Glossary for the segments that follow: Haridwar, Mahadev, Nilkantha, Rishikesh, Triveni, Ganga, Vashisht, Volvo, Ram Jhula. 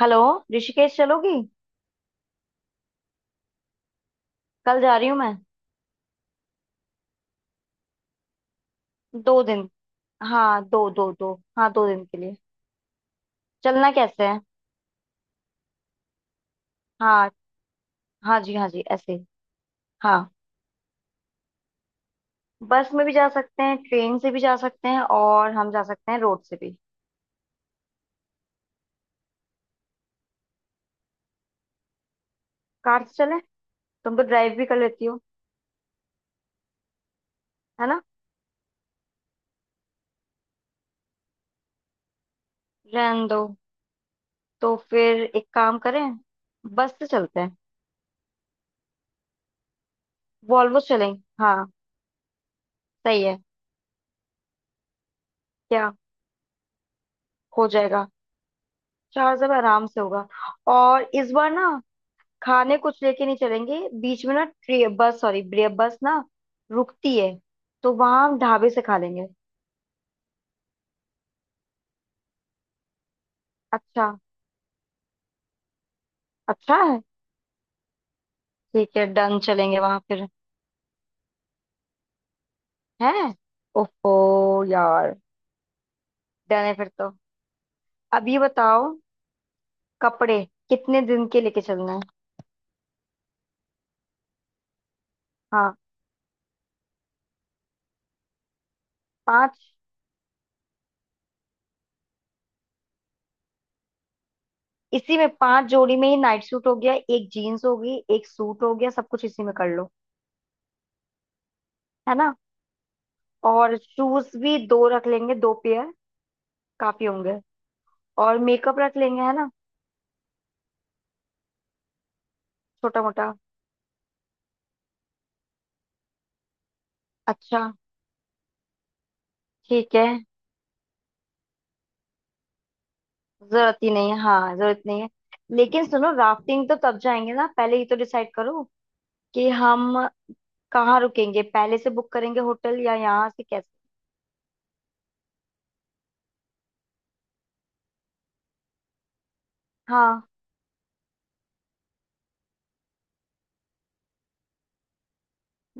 Hello. Rishikesh चलोगी? कल जा रही हूँ मैं। 2 दिन? हाँ दो दो दो। हाँ 2 दिन के लिए। चलना कैसे है? हाँ। हाँ जी हाँ जी ऐसे ही। हाँ। बस में भी जा सकते हैं, ट्रेन से भी जा सकते हैं, और हम जा सकते हैं रोड से भी। कार से चलें? तुम तो ड्राइव भी कर लेती हो। है ना। रहने दो। तो फिर एक काम करें, बस से चलते हैं। वॉल्वो से चलेंगे, हाँ। सही है। क्या? हो जाएगा। चार सब आराम से होगा। और इस बार ना, खाने कुछ लेके नहीं चलेंगे बीच में ना। ट्रे बस सॉरी ब्रे बस ना रुकती है, तो वहां हम ढाबे से खा लेंगे। अच्छा। अच्छा है। ठीक है डन, चलेंगे वहां फिर। है। ओफो यार। डन है फिर तो। अब ये बताओ, कपड़े कितने दिन के लेके चलना है? हाँ। पांच। इसी में 5 जोड़ी में ही नाइट सूट हो गया, एक जीन्स हो गई, एक सूट हो गया, सब कुछ इसी में कर लो। है ना। और शूज भी दो रख लेंगे, 2 पेयर काफी होंगे। और मेकअप रख लेंगे, है ना। छोटा मोटा। अच्छा। ठीक है। जरूरत ही नहीं है, हाँ जरूरत नहीं है। लेकिन सुनो, राफ्टिंग तो तब जाएंगे ना, पहले ये तो डिसाइड करो कि हम कहाँ रुकेंगे। पहले से बुक करेंगे होटल या यहाँ से कैसे? हाँ।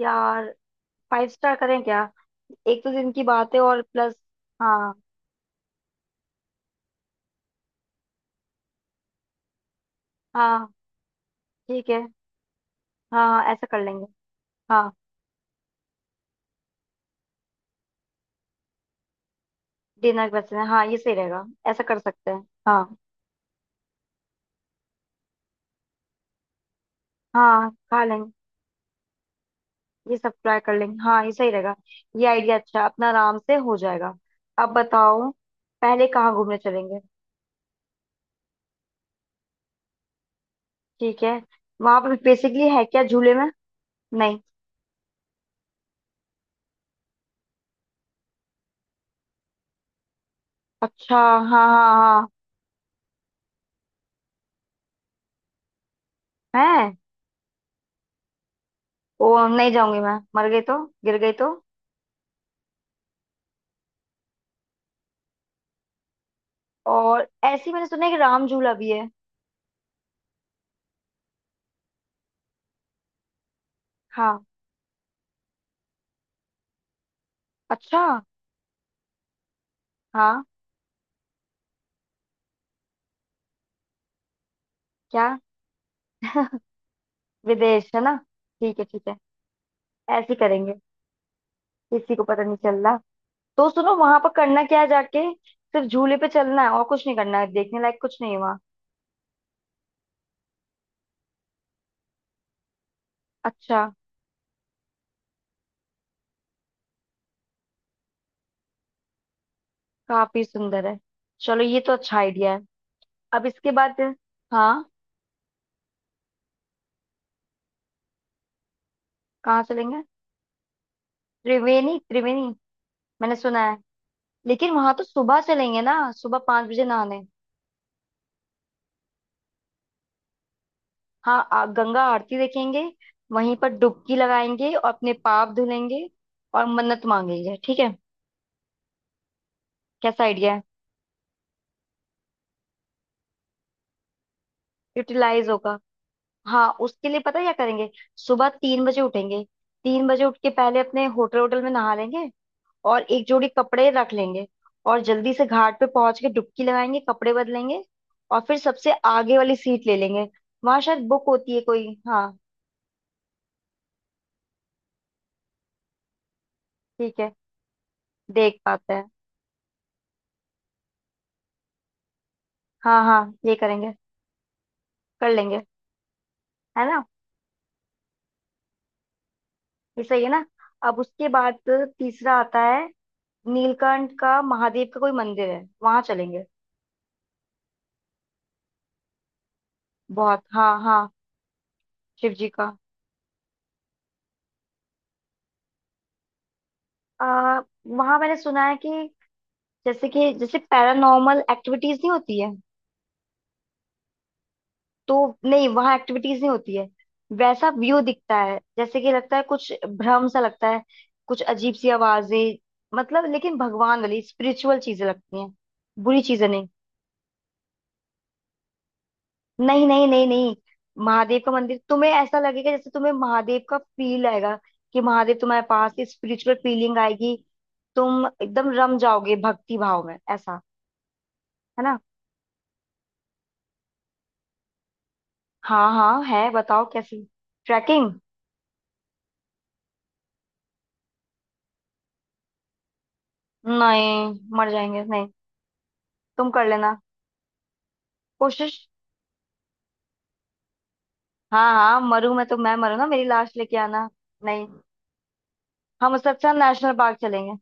यार 5 स्टार करें क्या? एक तो दिन की बात है और प्लस। हाँ। हाँ ठीक है। हाँ हाँ ऐसा कर लेंगे। हाँ। डिनर वैसे, हाँ ये सही रहेगा। ऐसा कर सकते हैं। हाँ। हाँ खा लेंगे। ये सब ट्राई कर लेंगे, हाँ ये सही रहेगा। ये आइडिया अच्छा है, अपना आराम से हो जाएगा। अब बताओ, पहले कहाँ घूमने चलेंगे? ठीक है। वहां पर बेसिकली है क्या झूले में? नहीं। अच्छा। हाँ हाँ हाँ। है। ओ नहीं, जाऊंगी मैं। मर गई तो? गिर गई तो? और ऐसी मैंने सुना है कि राम झूला भी है। हाँ। अच्छा। हाँ। क्या? विदेश है ना। ठीक है ठीक है। ऐसे ही करेंगे। किसी को पता नहीं चल रहा। तो सुनो, वहां पर करना क्या है, जाके सिर्फ झूले पे चलना है और कुछ नहीं करना है, देखने लायक कुछ नहीं है वहाँ। अच्छा। काफी सुंदर है। चलो, ये तो अच्छा आइडिया है। अब इसके बाद। हाँ। कहाँ चलेंगे? त्रिवेणी त्रिवेणी। मैंने सुना है। लेकिन वहां तो सुबह चलेंगे ना, सुबह 5 बजे नहाने। हाँ गंगा आरती देखेंगे। वहीं पर डुबकी लगाएंगे और अपने पाप धुलेंगे, और मन्नत मांगेंगे, ठीक है। कैसा आइडिया है? यूटिलाइज होगा। हाँ उसके लिए पता है क्या करेंगे? सुबह 3 बजे उठेंगे। 3 बजे उठ के पहले अपने होटल होटल में नहा लेंगे। और 1 जोड़ी कपड़े रख लेंगे। और जल्दी से घाट पे पहुंच के डुबकी लगाएंगे, कपड़े बदलेंगे। और फिर सबसे आगे वाली सीट ले लेंगे। वहां शायद बुक होती है कोई, हाँ। ठीक है। देख पाते हैं। हाँ हाँ ये करेंगे। कर लेंगे। है ना। ये सही है ना। अब उसके बाद तीसरा आता है, नीलकंठ का, महादेव का कोई मंदिर है, वहां चलेंगे। बहुत, हाँ हाँ। शिव जी का आ, वहां मैंने सुना है कि जैसे पैरानॉर्मल एक्टिविटीज नहीं होती है। तो नहीं, वहां एक्टिविटीज नहीं होती है। वैसा व्यू दिखता है, जैसे कि लगता है कुछ भ्रम सा लगता है, कुछ अजीब सी आवाजें, मतलब लेकिन भगवान वाली स्पिरिचुअल चीजें लगती हैं। बुरी चीजें नहीं। नहीं नहीं नहीं नहीं। महादेव का मंदिर, तुम्हें ऐसा लगेगा जैसे तुम्हें महादेव का फील आएगा, कि महादेव तुम्हारे पास, स्पिरिचुअल फीलिंग आएगी। तुम एकदम रम जाओगे भक्ति भाव में ऐसा। है ना। हाँ हाँ है, बताओ कैसी। ट्रैकिंग। नहीं मर जाएंगे नहीं। तुम कर लेना कोशिश। हाँ हाँ मरू, मैं तो मैं मरू ना, मेरी लाश लेके आना। नहीं, हम उससे अच्छा नेशनल पार्क चलेंगे।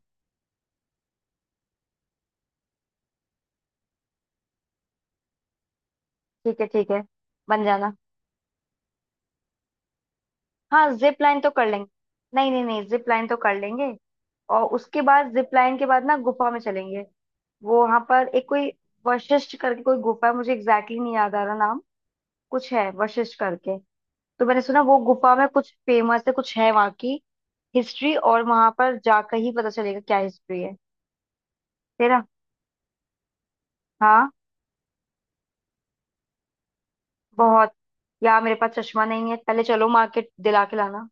ठीक है ठीक है। बन जाना। हाँ जिप लाइन तो कर लेंगे। नहीं नहीं नहीं, जिप लाइन तो कर लेंगे। और उसके बाद जिप लाइन के बाद ना गुफा में चलेंगे। वो वहां पर एक कोई वशिष्ठ करके कोई गुफा है, मुझे एग्जैक्टली नहीं याद आ रहा नाम। कुछ है वशिष्ठ करके। तो मैंने सुना वो गुफा में कुछ फेमस है, कुछ है वहां की हिस्ट्री, और वहां पर जाकर ही पता चलेगा क्या हिस्ट्री है। तेरा। हाँ। बहुत। यार मेरे पास चश्मा नहीं है, पहले चलो मार्केट दिला के लाना।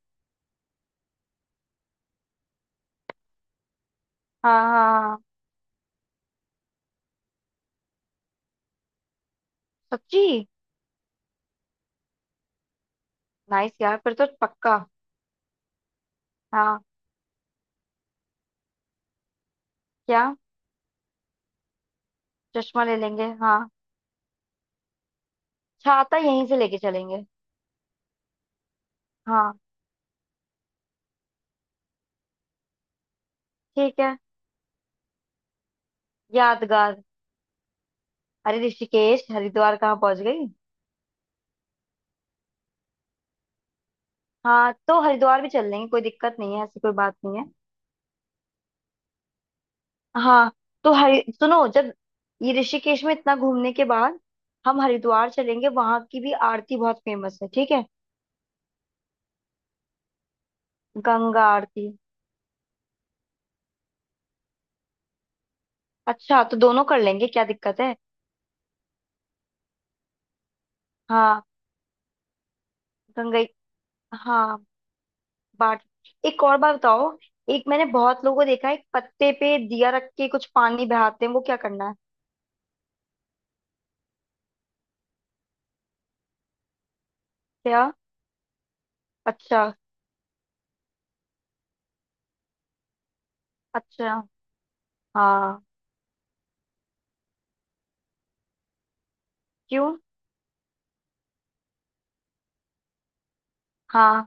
हाँ हाँ हाँ। सच्ची? नाइस यार, फिर तो पक्का। हाँ। क्या? चश्मा ले लेंगे, हाँ। छाता यहीं से लेके चलेंगे। हाँ। ठीक है। यादगार। अरे ऋषिकेश, हरिद्वार कहाँ पहुंच गई। हाँ तो हरिद्वार भी चल लेंगे, कोई दिक्कत नहीं है, ऐसी कोई बात नहीं है। हाँ तो हरि, सुनो जब ये ऋषिकेश में इतना घूमने के बाद हम हरिद्वार चलेंगे, वहां की भी आरती बहुत फेमस है, ठीक है। गंगा आरती, अच्छा तो दोनों कर लेंगे, क्या दिक्कत है। हाँ। गंगा। हाँ। बाट। एक और बात बताओ, एक मैंने बहुत लोगों को देखा है, एक पत्ते पे दिया रख के कुछ पानी बहाते हैं, वो क्या करना है? क्या? अच्छा। अच्छा। हाँ। क्यों? हाँ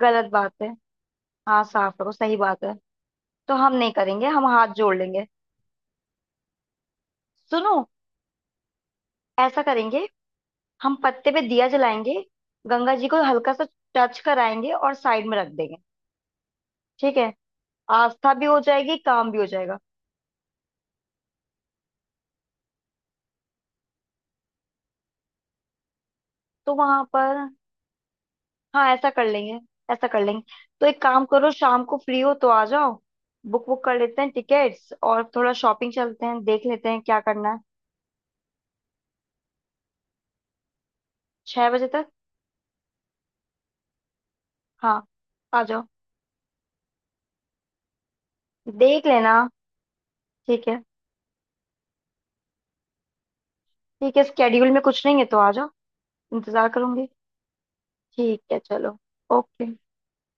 गलत बात है। हाँ साफ रखो, सही बात है। तो हम नहीं करेंगे, हम हाथ जोड़ लेंगे। सुनो, ऐसा करेंगे, हम पत्ते पे दिया जलाएंगे, गंगा जी को हल्का सा टच कराएंगे और साइड में रख देंगे। ठीक है। आस्था भी हो जाएगी, काम भी हो जाएगा। तो वहां पर। हाँ ऐसा कर लेंगे। ऐसा कर लेंगे। तो एक काम करो, शाम को फ्री हो तो आ जाओ, बुक बुक कर लेते हैं टिकट्स, और थोड़ा शॉपिंग चलते हैं, देख लेते हैं क्या करना है। 6 बजे तक। हाँ आ जाओ, देख लेना। ठीक है ठीक है, स्केड्यूल में कुछ नहीं है तो आ जाओ। इंतजार करूंगी। ठीक है चलो। ओके।